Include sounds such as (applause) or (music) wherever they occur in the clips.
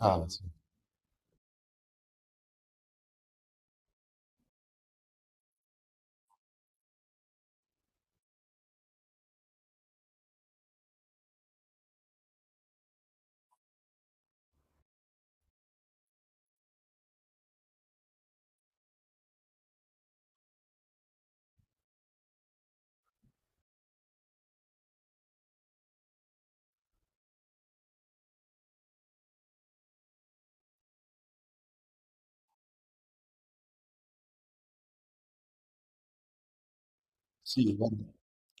Ah, sì. Sì, guarda,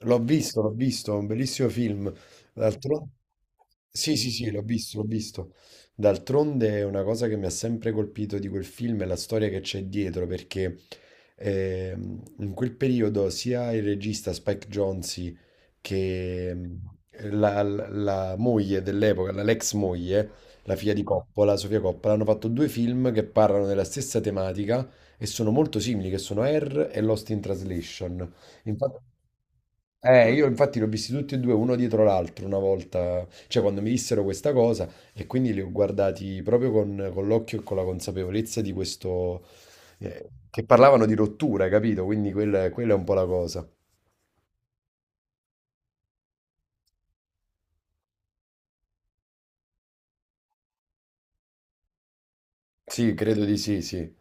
l'ho visto, è un bellissimo film. D'altronde... Sì, sì, sì, l'ho visto. D'altronde è una cosa che mi ha sempre colpito di quel film è la storia che c'è dietro, perché in quel periodo sia il regista Spike Jonze che la moglie dell'epoca, la l'ex moglie, la figlia di Coppola, Sofia Coppola, hanno fatto due film che parlano della stessa tematica e sono molto simili, che sono Air e Lost in Translation. Infatti- io infatti li ho visti tutti e due uno dietro l'altro una volta, cioè quando mi dissero questa cosa, e quindi li ho guardati proprio con l'occhio e con la consapevolezza di questo, che parlavano di rottura, capito? Quindi quella è un po' la cosa. Sì, credo di sì, sì.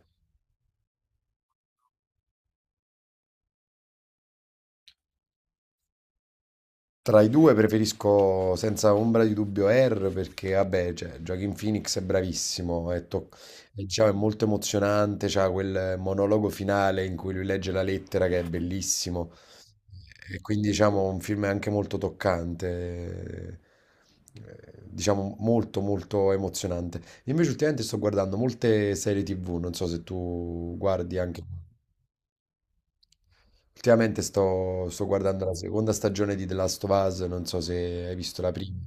Tra i due preferisco senza ombra di dubbio R perché vabbè, cioè, Joaquin Phoenix è bravissimo, è, diciamo, è molto emozionante, c'ha quel monologo finale in cui lui legge la lettera che è bellissimo, e quindi diciamo un film anche molto toccante, diciamo molto molto emozionante. Invece ultimamente sto guardando molte serie TV, non so se tu guardi anche... Ultimamente sto guardando la seconda stagione di The Last of Us, non so se hai visto la prima.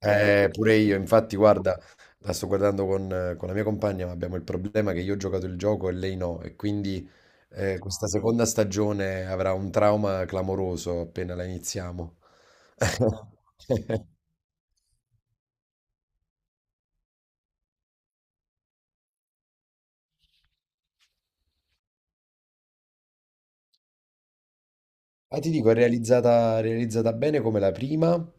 Pure io, infatti, guarda, la sto guardando con la mia compagna, ma abbiamo il problema che io ho giocato il gioco e lei no, e quindi questa seconda stagione avrà un trauma clamoroso appena la iniziamo. (laughs) Ah, ti dico, è realizzata bene come la prima.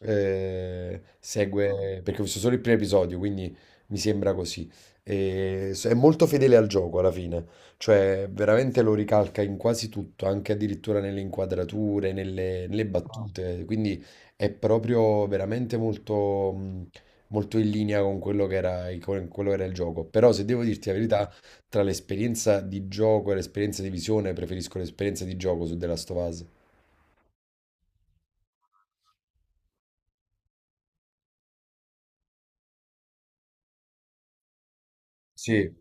Segue perché ho visto solo il primo episodio, quindi mi sembra così. È molto fedele al gioco alla fine, cioè veramente lo ricalca in quasi tutto, anche addirittura nelle inquadrature, nelle battute. Quindi è proprio veramente molto, molto in linea con quello che era, con quello che era il gioco. Però se devo dirti la verità, tra l'esperienza di gioco e l'esperienza di visione, preferisco l'esperienza di gioco su The Last of Us. Sì,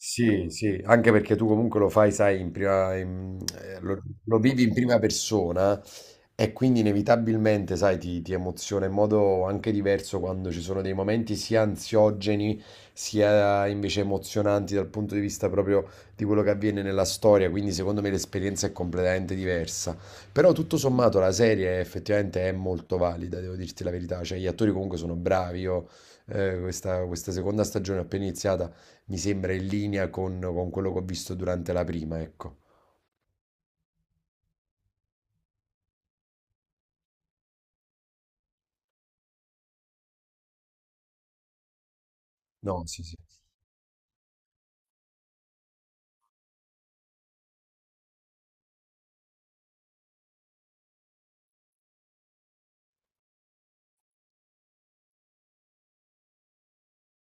sì, sì, anche perché tu comunque lo fai, sai, lo, lo vivi in prima persona, e quindi inevitabilmente, sai, ti emoziona in modo anche diverso quando ci sono dei momenti sia ansiogeni sia invece emozionanti dal punto di vista proprio di quello che avviene nella storia, quindi secondo me l'esperienza è completamente diversa. Però tutto sommato la serie effettivamente è molto valida, devo dirti la verità, cioè gli attori comunque sono bravi, io questa seconda stagione appena iniziata mi sembra in linea con quello che ho visto durante la prima, ecco. No, sì, sì.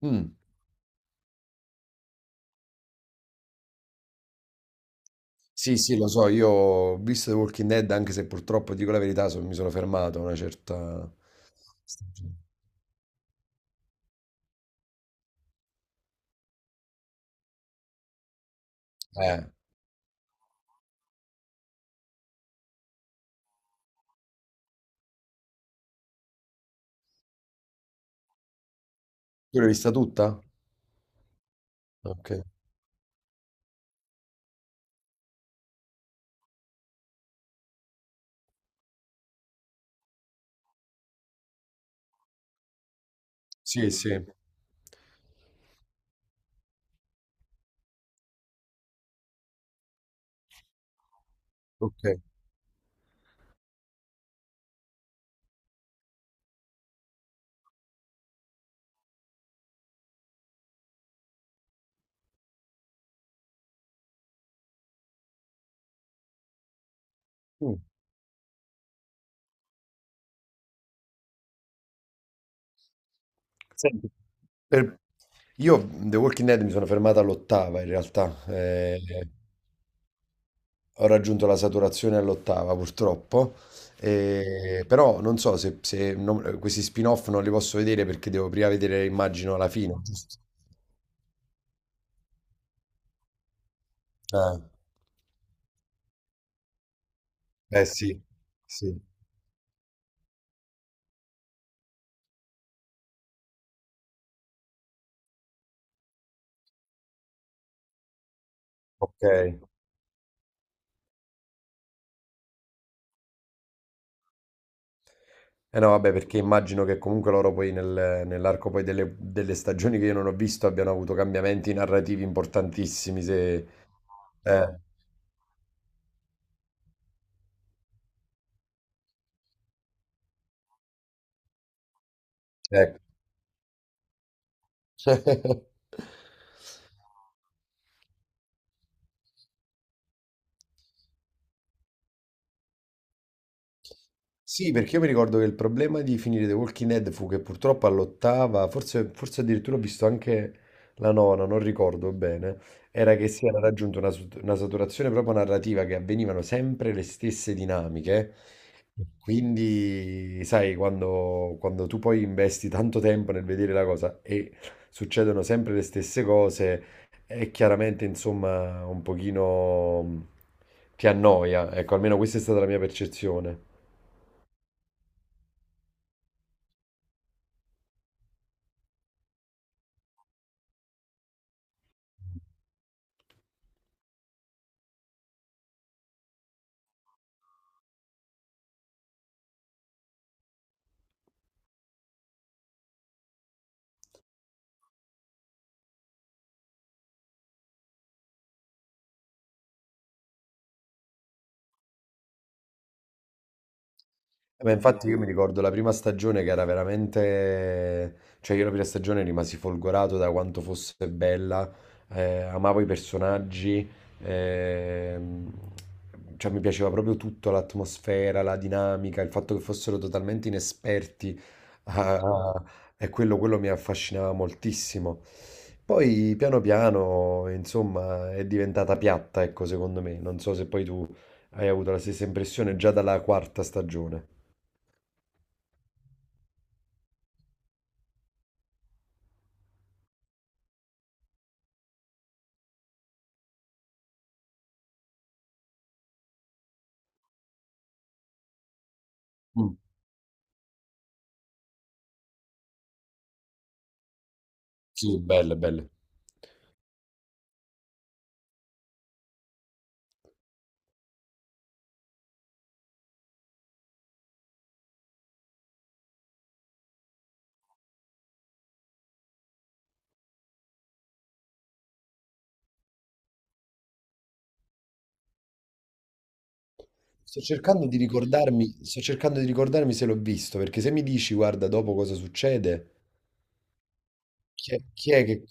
Mm. Sì, sì, lo so, io ho visto The Walking Dead, anche se purtroppo, dico la verità, mi sono fermato a una certa... stagione. Eh, tu l'hai vista tutta? Ok. Sì, sì, ok. Mm. Senti, per- Io The Walking Dead mi sono fermato all'ottava in realtà. Ho raggiunto la saturazione all'ottava, purtroppo, però non so se, questi spin-off non li posso vedere perché devo prima vedere, immagino, la fine, giusto? Eh, eh sì, sì, ok. Eh no, vabbè, perché immagino che comunque loro poi nell'arco poi delle, delle stagioni che io non ho visto abbiano avuto cambiamenti narrativi importantissimi, se... Eh, ecco. (laughs) Sì, perché io mi ricordo che il problema di finire The Walking Dead fu che purtroppo all'ottava, forse, forse addirittura ho visto anche la nona, non ricordo bene, era che si era raggiunta una, una saturazione proprio narrativa, che avvenivano sempre le stesse dinamiche. Quindi, sai, quando, quando tu poi investi tanto tempo nel vedere la cosa e succedono sempre le stesse cose, è chiaramente, insomma, un pochino ti annoia. Ecco, almeno questa è stata la mia percezione. Ma infatti io mi ricordo la prima stagione che era veramente... Cioè io la prima stagione rimasi folgorato da quanto fosse bella, amavo i personaggi, ehm, cioè mi piaceva proprio tutto, l'atmosfera, la dinamica, il fatto che fossero totalmente inesperti a- a- e quello mi affascinava moltissimo. Poi piano piano, insomma, è diventata piatta, ecco, secondo me. Non so se poi tu hai avuto la stessa impressione già dalla quarta stagione. Mh. Sì, belle, belle. Sto cercando di ricordarmi se l'ho visto, perché se mi dici: "Guarda, dopo cosa succede", chi è che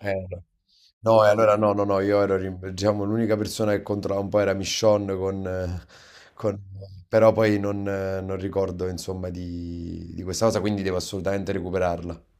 no. No, e allora no, no, no, io ero rim diciamo l'unica persona che controllava un po' era Michonne con però poi non non ricordo insomma di questa cosa, quindi devo assolutamente recuperarla.